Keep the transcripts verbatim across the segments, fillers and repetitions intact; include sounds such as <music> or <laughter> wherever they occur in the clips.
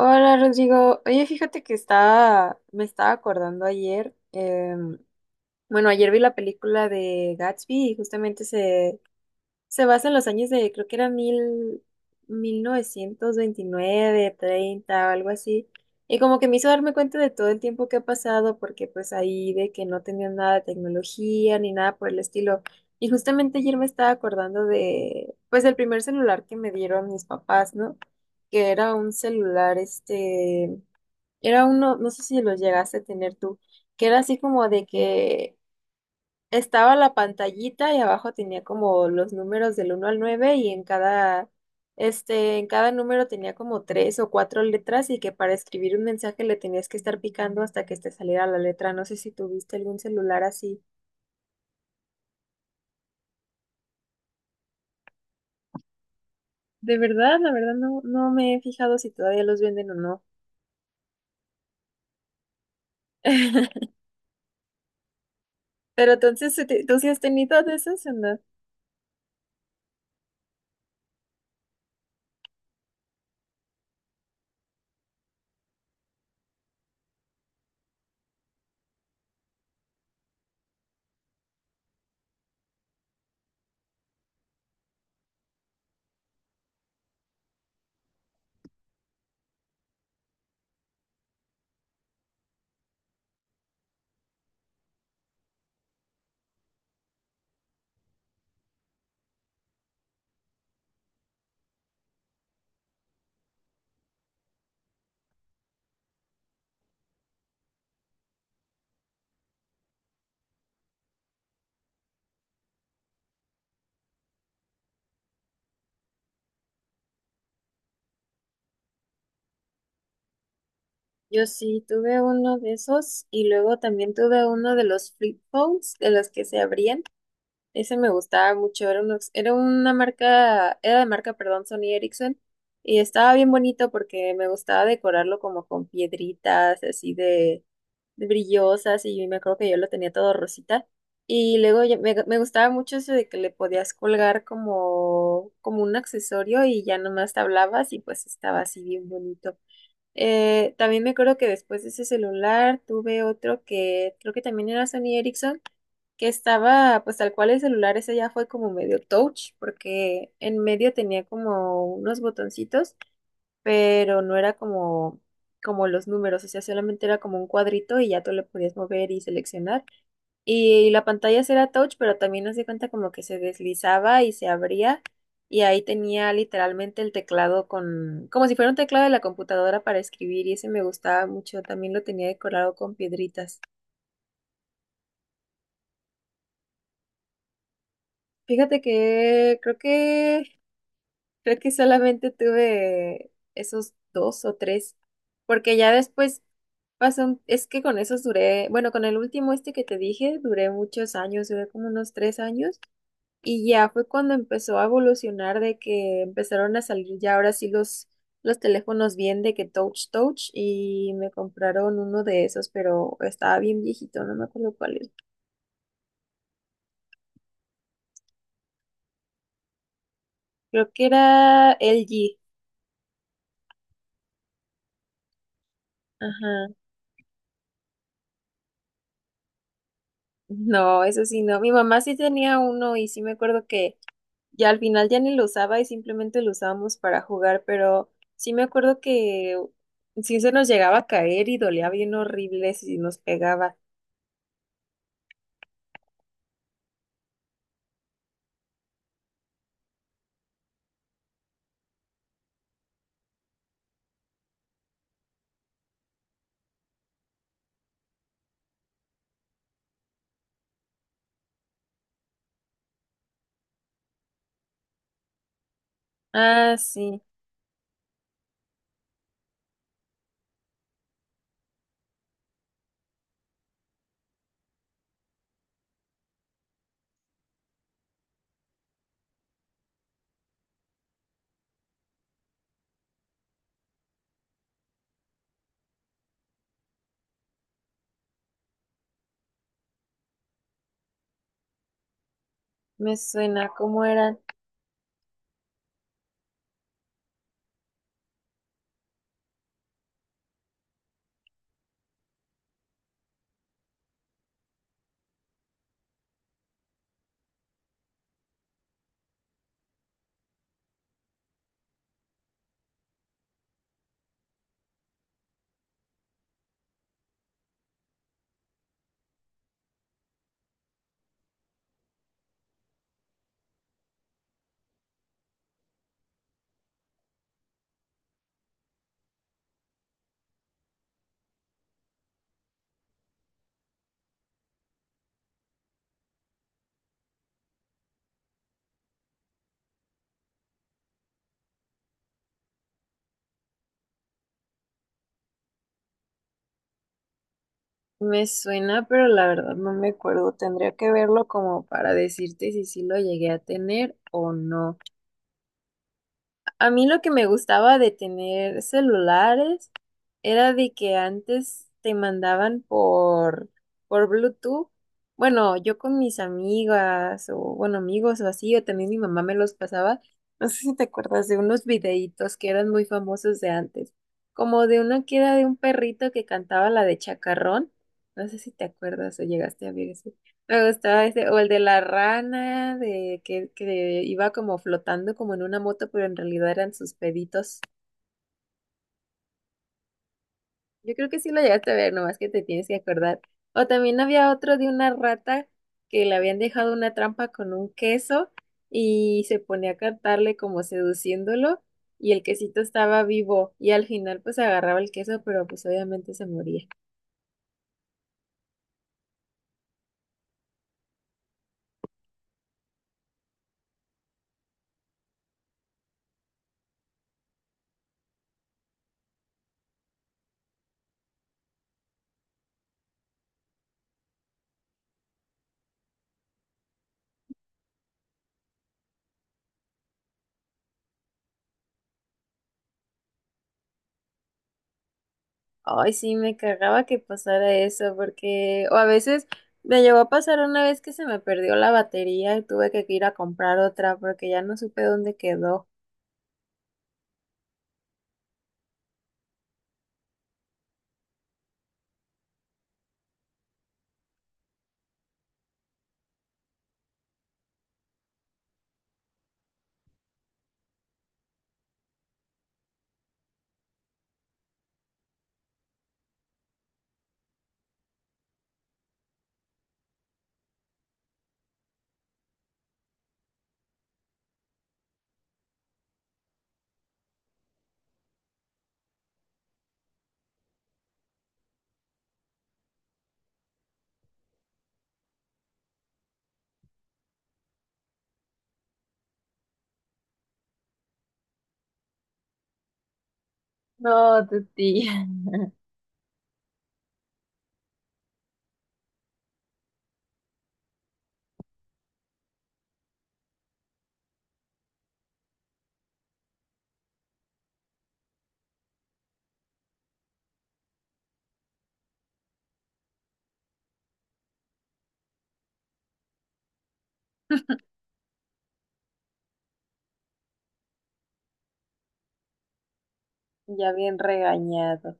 Hola Rodrigo, oye fíjate que estaba, me estaba acordando ayer, em, bueno ayer vi la película de Gatsby y justamente se, se basa en los años de, creo que era mil, 1929, treinta o algo así. Y como que me hizo darme cuenta de todo el tiempo que ha pasado, porque pues ahí de que no tenían nada de tecnología ni nada por el estilo. Y justamente ayer me estaba acordando de, pues, el primer celular que me dieron mis papás, ¿no? Que era un celular, este, era uno, no sé si lo llegaste a tener tú, que era así como de que estaba la pantallita y abajo tenía como los números del uno al nueve y en cada, este, en cada número tenía como tres o cuatro letras y que para escribir un mensaje le tenías que estar picando hasta que te saliera la letra. No sé si tuviste algún celular así. De verdad, la verdad no, no me he fijado si todavía los venden o no. <laughs> Pero entonces, ¿tú tú sí has tenido de esos o no? Yo sí tuve uno de esos y luego también tuve uno de los flip phones, de los que se abrían. Ese me gustaba mucho, era, uno- era una marca, era de marca, perdón, Sony Ericsson, y estaba bien bonito porque me gustaba decorarlo como con piedritas así de, de brillosas, y me acuerdo que yo lo tenía todo rosita, y luego ya- me, me gustaba mucho eso de que le podías colgar como, como un accesorio y ya nomás te hablabas y pues estaba así bien bonito. Eh, también me acuerdo que después de ese celular tuve otro que creo que también era Sony Ericsson, que estaba, pues tal cual el celular, ese ya fue como medio touch, porque en medio tenía como unos botoncitos, pero no era como, como los números, o sea, solamente era como un cuadrito y ya tú le podías mover y seleccionar. Y la pantalla sí era touch, pero también nos di cuenta como que se deslizaba y se abría. Y ahí tenía literalmente el teclado con, como si fuera un teclado de la computadora para escribir, y ese me gustaba mucho. También lo tenía decorado con piedritas. Fíjate que creo que creo que solamente tuve esos dos o tres, porque ya después pasó, un- es que con esos duré, bueno, con el último este que te dije, duré muchos años, duré como unos tres años, y ya fue cuando empezó a evolucionar de que empezaron a salir ya ahora sí los, los teléfonos bien de que touch touch, y me compraron uno de esos, pero estaba bien viejito, no me acuerdo cuál es. Creo que era L G, ajá. No, eso sí, no. Mi mamá sí tenía uno y sí me acuerdo que, y al final ya ni lo usaba y simplemente lo usábamos para jugar, pero sí me acuerdo que sí se nos llegaba a caer y dolía bien horrible si nos pegaba. Ah, sí, me suena, ¿cómo era? Me suena, pero la verdad no me acuerdo. Tendría que verlo como para decirte si sí lo llegué a tener o no. A mí lo que me gustaba de tener celulares era de que antes te mandaban por, por Bluetooth. Bueno, yo con mis amigas o, bueno, amigos o así, o también mi mamá me los pasaba. No sé si te acuerdas de unos videitos que eran muy famosos de antes, como de uno que era de un perrito que cantaba la de Chacarrón. No sé si te acuerdas o llegaste a ver. Me gustaba ese, o el de la rana, de que, que iba como flotando como en una moto, pero en realidad eran sus peditos. Yo creo que sí lo llegaste a ver, nomás que te tienes que acordar. O también había otro de una rata que le habían dejado una trampa con un queso y se ponía a cantarle como seduciéndolo y el quesito estaba vivo y al final pues agarraba el queso, pero pues obviamente se moría. Ay, sí, me cagaba que pasara eso, porque, o a veces me llegó a pasar una vez que se me perdió la batería y tuve que ir a comprar otra porque ya no supe dónde quedó. No, tu tía. <laughs> Ya bien regañado.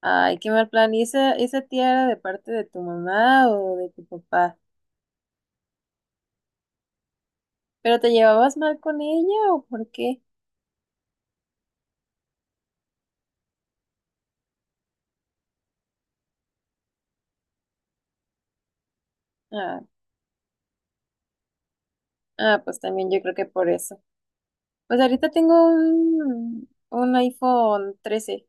Ay, qué mal plan. ¿Y esa, esa tía era de parte de tu mamá o de tu papá? ¿Pero te llevabas mal con ella o por qué? Ah, ah, pues también yo creo que por eso. Pues ahorita tengo un, un iPhone trece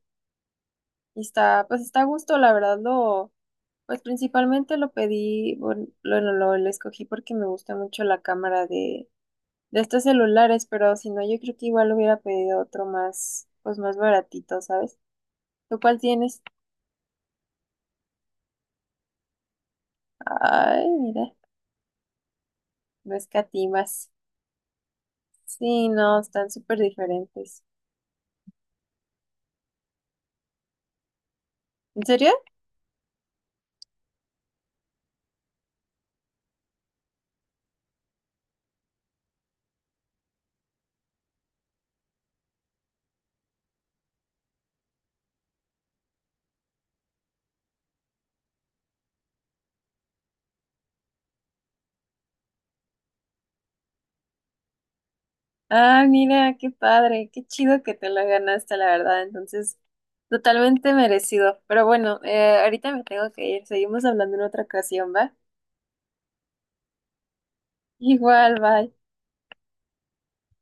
y está, pues está a gusto, la verdad, lo... Pues principalmente lo pedí, bueno, lo, lo, lo- lo escogí porque me gusta mucho la cámara de, de estos celulares, pero si no, yo creo que igual hubiera pedido otro más, pues más baratito, ¿sabes? ¿Tú cuál tienes? Ay, mira, no escatimas. Sí, no, están súper diferentes. ¿En serio? Ah, mira, qué padre, qué chido que te la ganaste, la verdad. Entonces, totalmente merecido. Pero bueno, eh, ahorita me tengo que ir. Seguimos hablando en otra ocasión, ¿va? Igual, bye.